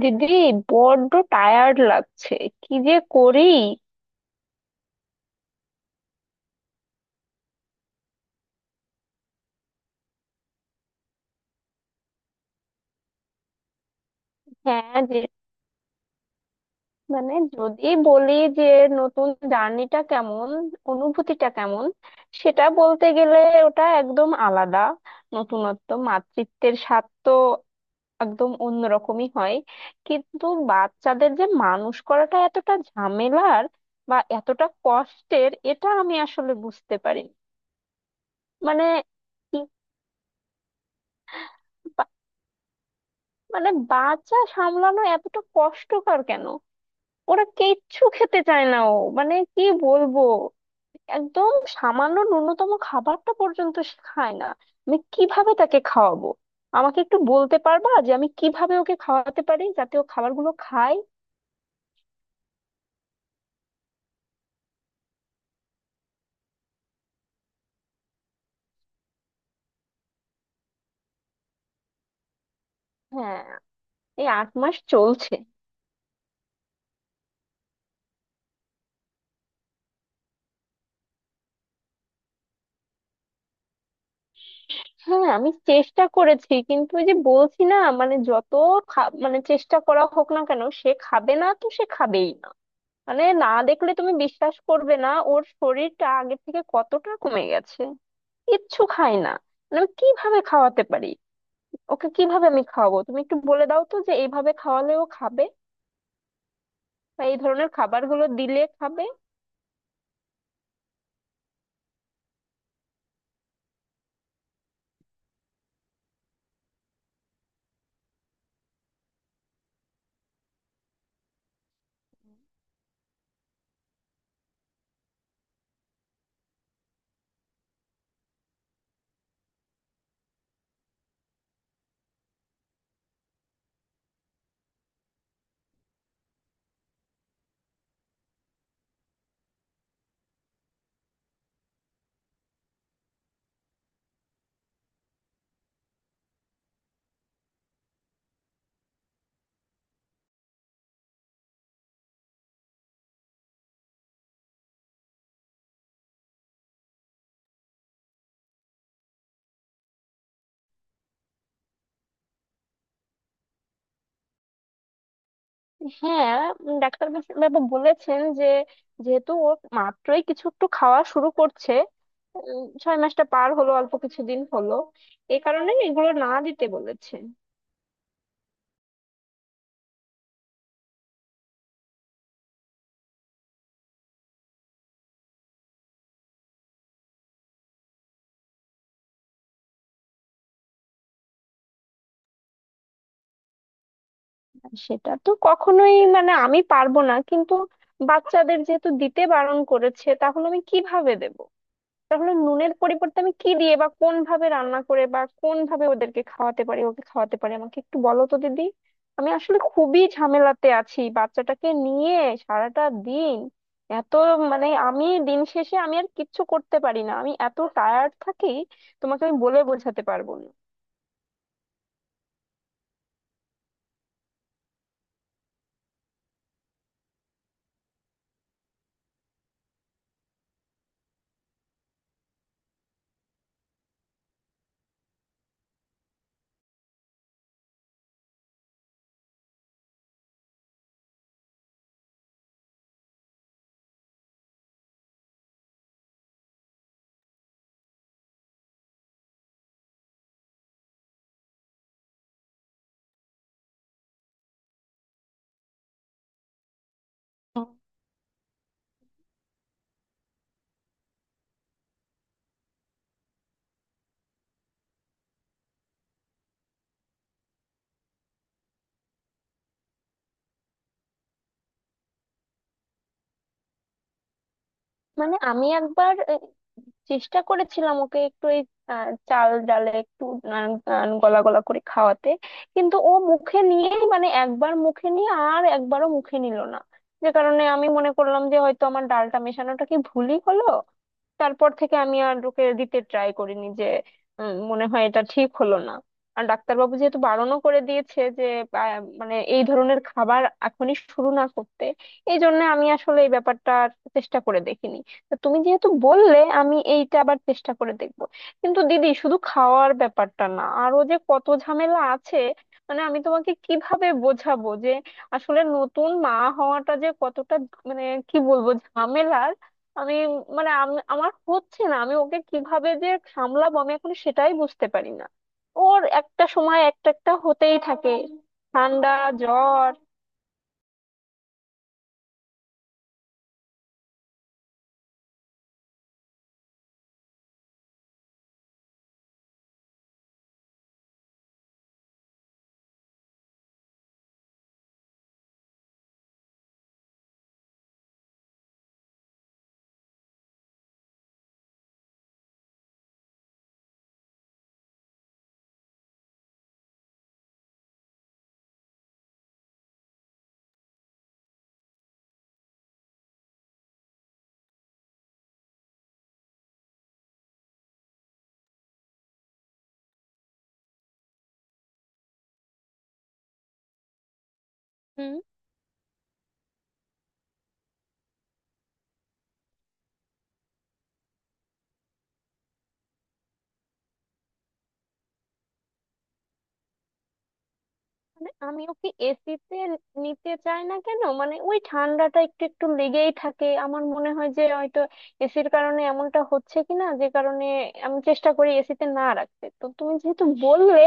দিদি, বড্ড টায়ার্ড লাগছে। কি যে করি। হ্যাঁ, যে মানে যদি বলি যে নতুন জার্নিটা কেমন, অনুভূতিটা কেমন, সেটা বলতে গেলে ওটা একদম আলাদা। নতুনত্ব মাতৃত্বের স্বাদ তো একদম অন্যরকমই হয়। কিন্তু বাচ্চাদের যে মানুষ করাটা এতটা ঝামেলার বা এতটা কষ্টের, এটা আমি আসলে বুঝতে পারি। মানে কি- বা- মানে বাচ্চা সামলানো এতটা কষ্টকর কেন? ওরা কিচ্ছু খেতে চায় না, ও মানে কি বলবো, একদম সামান্য ন্যূনতম খাবারটা পর্যন্ত সে খায় না। আমি কিভাবে তাকে খাওয়াবো? আমাকে একটু বলতে পারবা যে আমি কিভাবে ওকে খাওয়াতে পারি যাতে ও খাবারগুলো খায়? হ্যাঁ, এই 8 মাস চলছে। হ্যাঁ, আমি চেষ্টা করেছি কিন্তু ওই যে বলছি না, মানে যত মানে চেষ্টা করা হোক না কেন, সে খাবে না তো সে খাবেই না। মানে না দেখলে তুমি বিশ্বাস করবে না ওর শরীরটা আগের থেকে কতটা কমে গেছে। কিচ্ছু খাই না। মানে আমি কিভাবে খাওয়াতে পারি? ওকে কিভাবে আমি খাওয়াবো? তুমি একটু বলে দাও তো যে এইভাবে খাওয়ালেও খাবে বা এই ধরনের খাবারগুলো দিলে খাবে। হ্যাঁ। ডাক্তার বাবু বলেছেন যে যেহেতু ও মাত্রই কিছু একটু খাওয়া শুরু করছে, 6 মাসটা পার হলো অল্প কিছুদিন হলো, এই কারণে এগুলো না দিতে বলেছে। আর সেটা তো কখনোই, মানে আমি পারবো না কিন্তু বাচ্চাদের যেহেতু দিতে বারণ করেছে তাহলে আমি কিভাবে দেব? তাহলে নুনের পরিবর্তে আমি কি দিয়ে বা কোন ভাবে রান্না করে বা কোন ভাবে ওদেরকে খাওয়াতে পারি, ওকে খাওয়াতে পারি, আমাকে একটু বলো তো দিদি। আমি আসলে খুবই ঝামেলাতে আছি বাচ্চাটাকে নিয়ে। সারাটা দিন এত, মানে আমি দিন শেষে আমি আর কিচ্ছু করতে পারি না, আমি এত টায়ার্ড থাকি তোমাকে আমি বলে বোঝাতে পারবো না। মানে আমি একবার এই চেষ্টা করেছিলাম ওকে একটু এই চাল ডালে একটু আহ, গলা গলা করে খাওয়াতে, কিন্তু ও মুখে নিয়ে, মানে একবার মুখে নিয়ে আর একবারও মুখে নিল না। যে কারণে আমি মনে করলাম যে হয়তো আমার ডালটা মেশানোটা কি ভুলই হলো। তারপর থেকে আমি আর ওকে দিতে ট্রাই করিনি, যে মনে হয় এটা ঠিক হলো না। আর ডাক্তারবাবু যেহেতু বারণও করে দিয়েছে যে আহ, মানে এই ধরনের খাবার এখনই শুরু না করতে, এই জন্য আমি আসলে এই ব্যাপারটা আর চেষ্টা করে দেখিনি। তা তুমি যেহেতু বললে আমি এইটা আবার চেষ্টা করে দেখব। কিন্তু দিদি শুধু খাওয়ার ব্যাপারটা না, আরো যে কত ঝামেলা আছে। মানে আমি তোমাকে কিভাবে বোঝাবো যে আসলে নতুন মা হওয়াটা যে কতটা, মানে কি বলবো, ঝামেলার। আমি, মানে আমার হচ্ছে না, আমি ওকে কিভাবে যে সামলাবো আমি এখন সেটাই বুঝতে পারি না। ওর একটা সময় একটা একটা হতেই থাকে, ঠান্ডা, জ্বর। মানে আমি ওকে এসিতে নিতে চাই না কেন, মানে ওই ঠান্ডাটা একটু একটু লেগেই থাকে, আমার মনে হয় যে হয়তো এসির কারণে এমনটা হচ্ছে কিনা, যে কারণে আমি চেষ্টা করি এসিতে না রাখতে। তো তুমি যেহেতু বললে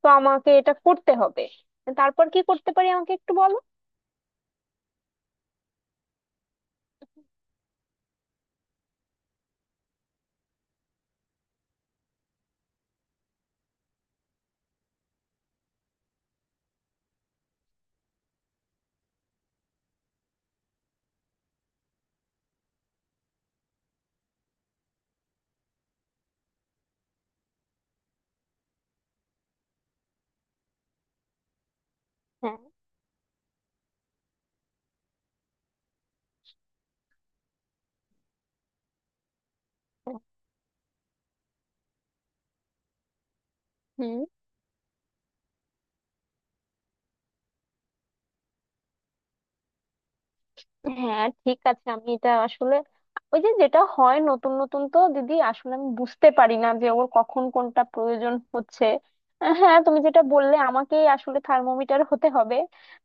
তো আমাকে এটা করতে হবে। তারপর কি করতে পারি আমাকে একটু বলো। হ্যাঁ। হ্যাঁ। হুম। হ্যাঁ, ঠিক আছে, আমি এটা আসলে, ওই যে যেটা হয় নতুন নতুন তো দিদি, আসলে আমি বুঝতে পারি না যে ওর কখন কোনটা প্রয়োজন হচ্ছে। হ্যাঁ, তুমি যেটা বললে আমাকেই আসলে থার্মোমিটার হতে হবে।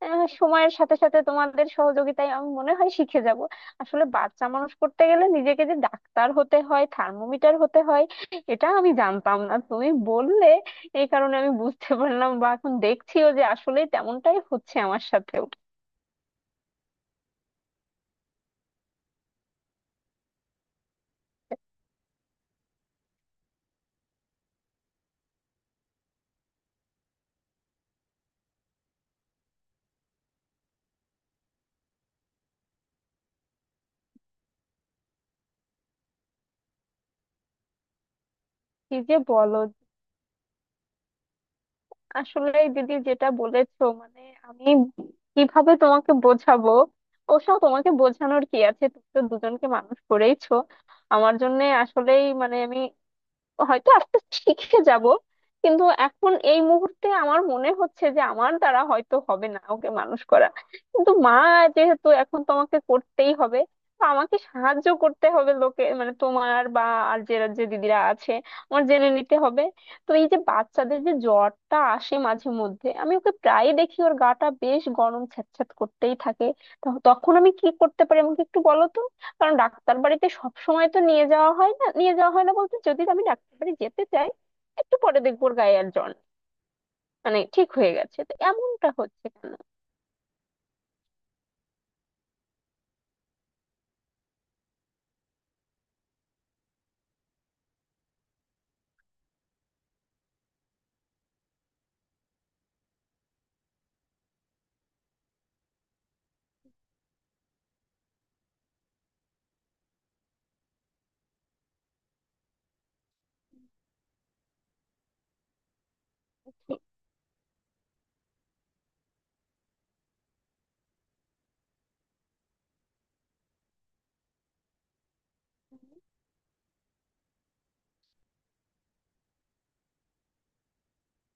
সময়ের সাথে সাথে তোমাদের সহযোগিতায় আমি মনে হয় শিখে যাব। আসলে বাচ্চা মানুষ করতে গেলে নিজেকে যে ডাক্তার হতে হয়, থার্মোমিটার হতে হয়, এটা আমি জানতাম না, তুমি বললে এই কারণে আমি বুঝতে পারলাম বা এখন দেখছিও যে আসলে তেমনটাই হচ্ছে আমার সাথেও। কি যে বলো। আসলে দিদি যেটা বলেছো, মানে আমি কিভাবে তোমাকে বোঝাবো। ওসব তোমাকে বোঝানোর কি আছে, তুমি তো দুজনকে মানুষ করেইছো। আমার জন্য আসলেই, মানে আমি হয়তো আস্তে শিখে যাব, কিন্তু এখন এই মুহূর্তে আমার মনে হচ্ছে যে আমার দ্বারা হয়তো হবে না ওকে মানুষ করা। কিন্তু মা যেহেতু এখন তোমাকে করতেই হবে, তো আমাকে সাহায্য করতে হবে লোকে, মানে তোমার বা আর যে যে দিদিরা আছে, আমার জেনে নিতে হবে। তো এই যে বাচ্চাদের যে জ্বরটা আসে মাঝে মধ্যে, আমি ওকে প্রায়ই দেখি ওর গাটা বেশ গরম ছ্যাঁতছ্যাঁত করতেই থাকে, তো তখন আমি কি করতে পারি আমাকে একটু বলো তো। কারণ ডাক্তার বাড়িতে সব সময় তো নিয়ে যাওয়া হয় না, নিয়ে যাওয়া হয় না বলতে, যদি আমি ডাক্তার বাড়ি যেতে চাই একটু পরে দেখবো ওর গায়ে আর জ্বর নেই। মানে ঠিক হয়ে গেছে, তো এমনটা হচ্ছে কেন?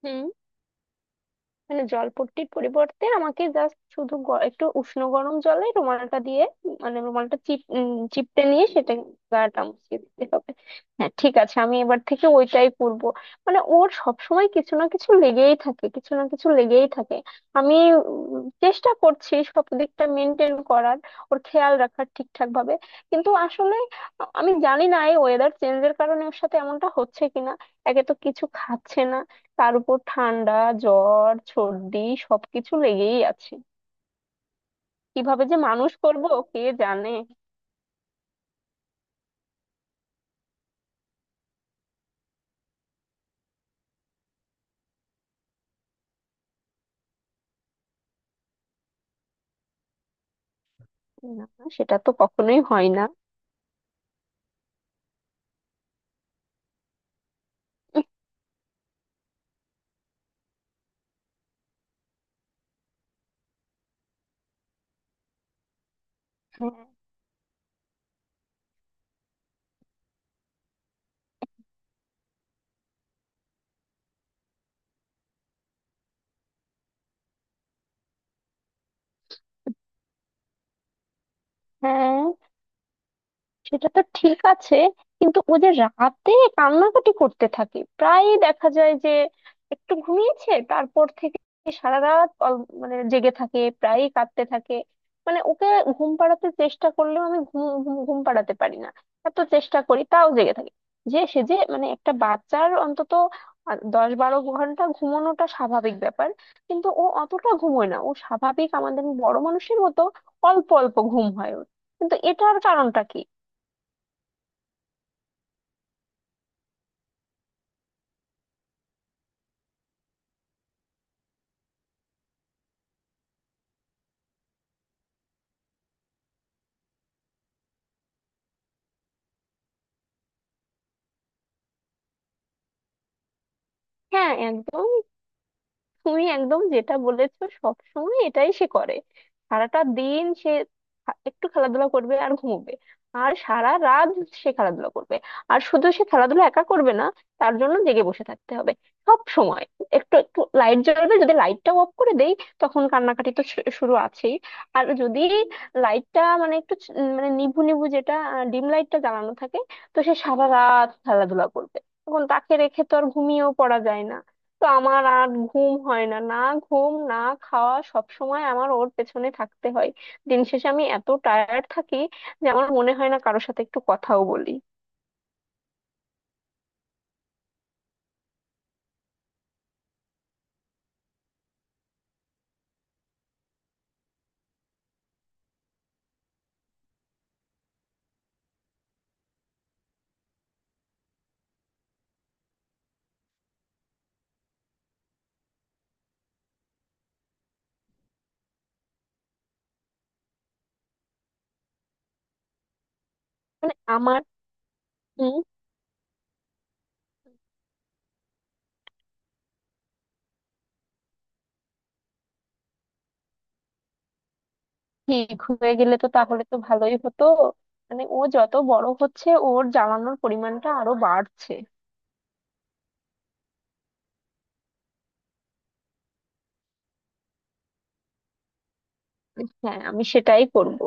হুম। মানে জলপট্টির পরিবর্তে আমাকে জাস্ট শুধু একটু উষ্ণ গরম জলে রুমালটা দিয়ে, মানে রুমালটা চিপ চিপটে নিয়ে সেটা গাটা মুছিয়ে দিতে হবে। হ্যাঁ, ঠিক আছে, আমি এবার থেকে ওইটাই করবো। মানে ওর সবসময় কিছু না কিছু লেগেই থাকে, কিছু না কিছু লেগেই থাকে। আমি চেষ্টা করছি সব দিকটা মেনটেন করার, ওর খেয়াল রাখার ঠিকঠাক ভাবে। কিন্তু আসলে আমি জানি না এই ওয়েদার চেঞ্জের কারণে ওর সাথে এমনটা হচ্ছে কিনা। একে তো কিছু খাচ্ছে না, তার উপর ঠান্ডা, জ্বর, সর্দি সবকিছু লেগেই আছে। কিভাবে যে মানুষ করব কে জানে। না। সেটা তো কখনোই হয় না। হ্যাঁ। হ্যাঁ, সেটা তো ঠিক আছে, কিন্তু ও যে রাতে কান্নাকাটি করতে থাকে, প্রায় দেখা যায় যে একটু ঘুমিয়েছে, তারপর থেকে সারা রাত মানে জেগে থাকে, প্রায়ই কাঁদতে থাকে। মানে ওকে ঘুম পাড়াতে চেষ্টা করলেও আমি ঘুম ঘুম ঘুম পাড়াতে পারি না। এত চেষ্টা করি তাও জেগে থাকে। যে সে যে, মানে একটা বাচ্চার অন্তত 10-12 ঘন্টা ঘুমানোটা স্বাভাবিক ব্যাপার। কিন্তু ও অতটা ঘুমোয় না, ও স্বাভাবিক আমাদের বড় মানুষের মতো অল্প অল্প ঘুম হয় ওর। কিন্তু এটার কারণটা কি? হ্যাঁ, একদম। তুমি একদম যেটা বলেছো সব সময় এটাই সে করে। সারাটা দিন সে একটু খেলাধুলা করবে আর ঘুমোবে। আর সারা রাত সে খেলাধুলা করবে, আর শুধু সে খেলাধুলা একা করবে না, তার জন্য জেগে বসে থাকতে হবে সব সময়। একটু একটু লাইট জ্বলবে, যদি লাইটটাও অফ করে দেই তখন কান্নাকাটি তো শুরু আছেই। আর যদি লাইটটা, মানে একটু মানে নিভু নিভু যেটা ডিম লাইটটা জ্বালানো থাকে, তো সে সারা রাত খেলাধুলা করবে। তখন তাকে রেখে তো আর ঘুমিয়েও পড়া যায় না। তো আমার আর ঘুম হয় না, না ঘুম, না খাওয়া, সব সময় আমার ওর পেছনে থাকতে হয়। দিন শেষে আমি এত টায়ার্ড থাকি যে আমার মনে হয় না কারোর সাথে একটু কথাও বলি। মানে আমার কি? ঠিক হয়ে গেলে তো তাহলে তো ভালোই হতো। মানে ও যত বড় হচ্ছে ওর জ্বালানোর পরিমাণটা আরো বাড়ছে। হ্যাঁ, আমি সেটাই করব।